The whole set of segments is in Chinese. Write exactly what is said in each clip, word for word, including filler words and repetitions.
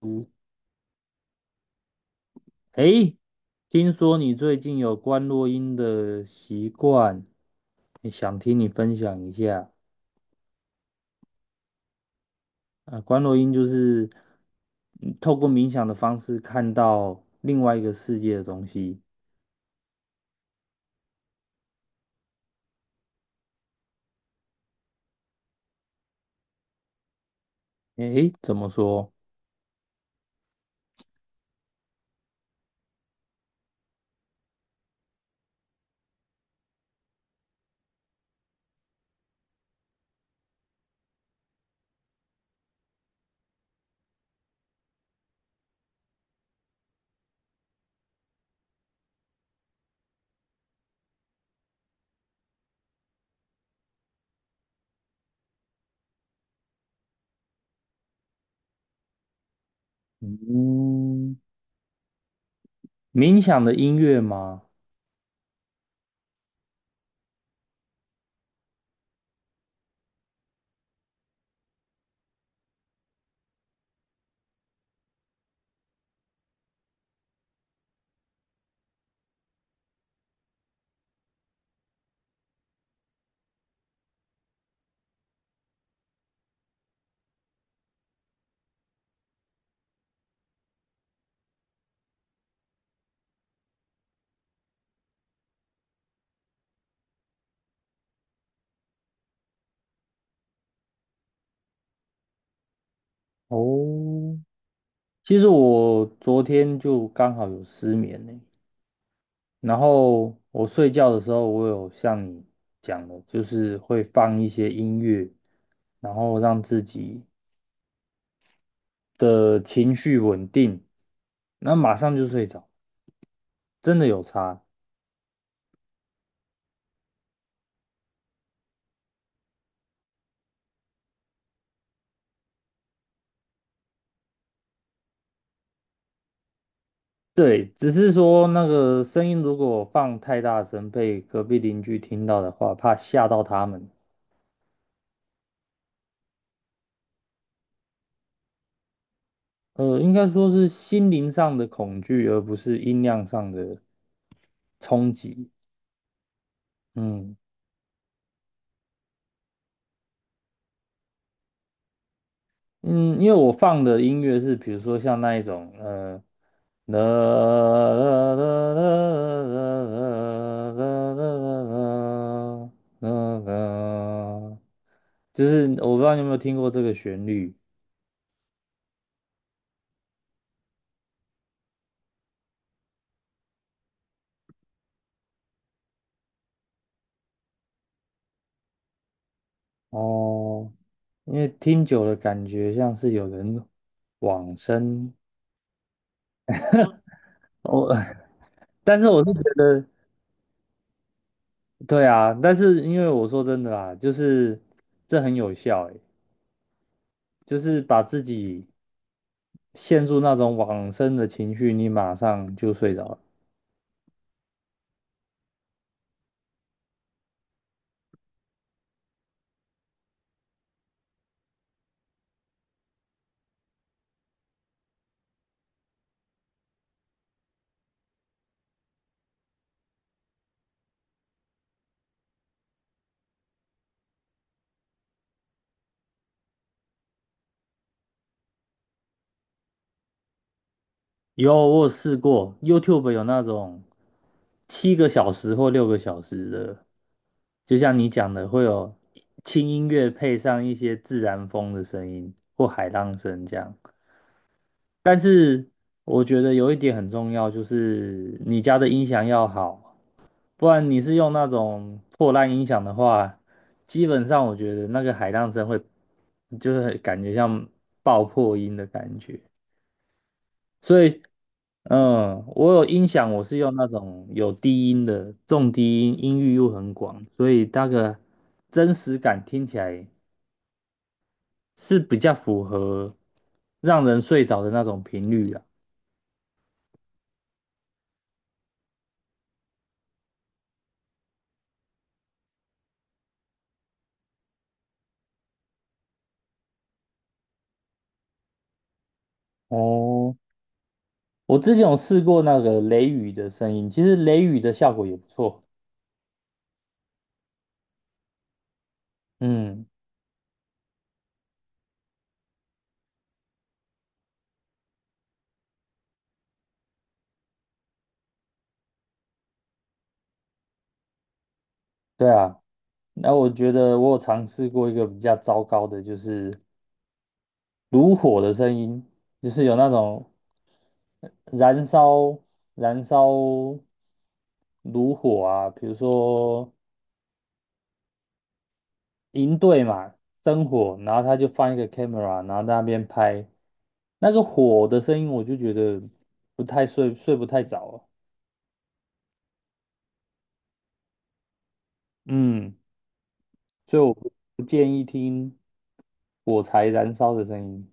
嗯，诶，听说你最近有关落音的习惯，也想听你分享一下。啊，观落音就是嗯透过冥想的方式看到另外一个世界的东西。诶，怎么说？嗯，冥想的音乐吗？哦，其实我昨天就刚好有失眠呢。然后我睡觉的时候，我有像你讲的，就是会放一些音乐，然后让自己的情绪稳定，那马上就睡着，真的有差。对，只是说那个声音如果放太大声，被隔壁邻居听到的话，怕吓到他们。呃，应该说是心灵上的恐惧，而不是音量上的冲击。嗯。嗯，因为我放的音乐是，比如说像那一种，呃，啦啦啦啦啦啦啦啦啦，就是我不知道你有没有听过这个旋律。哦，因为听久了感觉像是有人往生。哦，但是我是觉得，对啊，但是因为我说真的啦，就是这很有效，就是把自己陷入那种往生的情绪，你马上就睡着了。有，我有试过，YouTube 有那种七个小时或六个小时的，就像你讲的，会有轻音乐配上一些自然风的声音或海浪声这样。我觉得有一点很重要，就是你家的音响要好，不然你是用那种破烂音响的话，基本上我觉得那个海浪声会，就是很感觉像爆破音的感觉。所以，嗯，我有音响，我是用那种有低音的，重低音，音域又很广，所以那个真实感听起来是比较符合让人睡着的那种频率啊。哦，我之前有试过那个雷雨的声音，其实雷雨的效果也不错。嗯，对啊。那我觉得我有尝试过一个比较糟糕的，就是炉火的声音，就是有那种燃烧燃烧炉火啊，比如说营队嘛，生火，然后他就放一个 camera，然后在那边拍那个火的声音，我就觉得不太睡睡不太着啊。嗯。所以我不不建议听火柴燃烧的声音。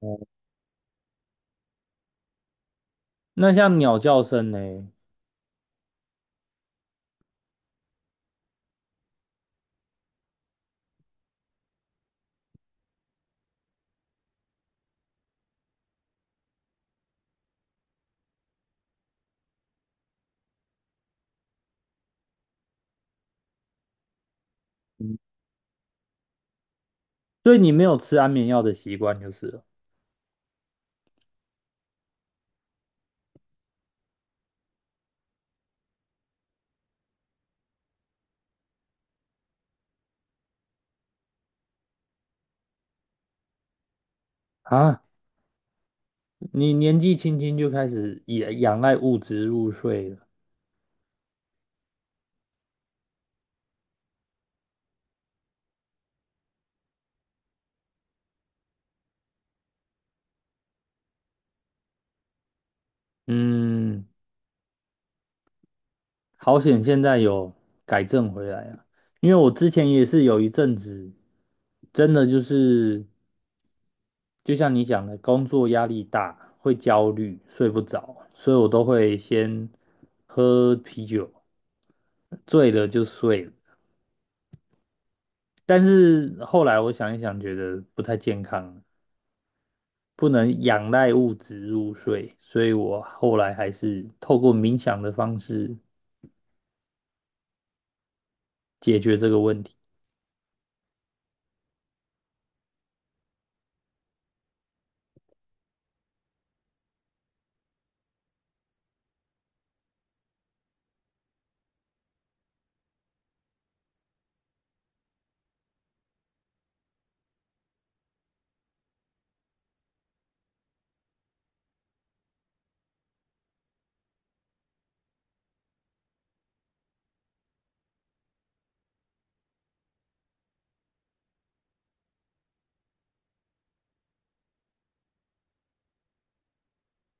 哦，那像鸟叫声呢？所以你没有吃安眠药的习惯就是了啊。你年纪轻轻就开始也仰赖物质入睡了。嗯，好险现在有改正回来啊！因为我之前也是有一阵子，真的就是就像你讲的，工作压力大，会焦虑，睡不着，所以我都会先喝啤酒，醉了就睡了。但是后来我想一想，觉得不太健康，不能仰赖物质入睡，所以我后来还是透过冥想的方式解决这个问题。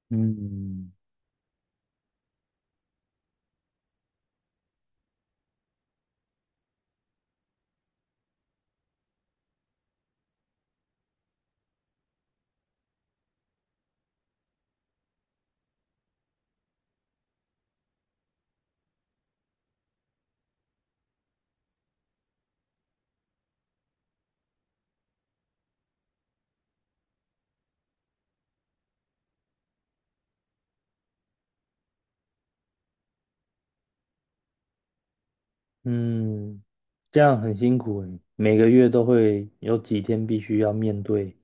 嗯，嗯，这样很辛苦诶，每个月都会有几天必须要面对。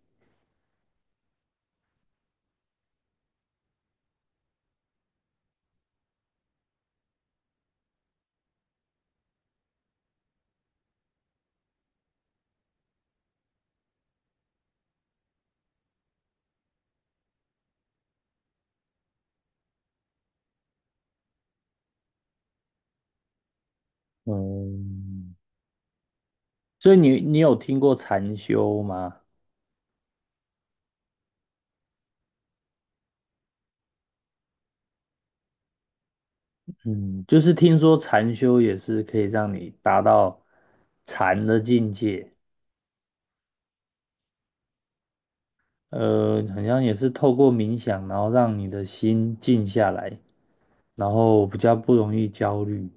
嗯，所以你你有听过禅修吗？嗯，就是听说禅修也是可以让你达到禅的境界，呃，好像也是透过冥想，然后让你的心静下来，然后比较不容易焦虑。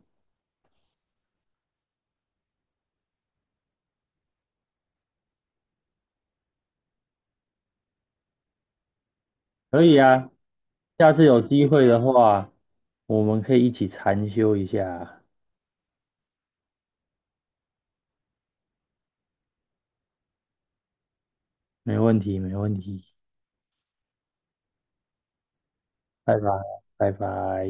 可以啊，下次有机会的话，我们可以一起禅修一下啊，没问题，没问题。拜拜，拜拜。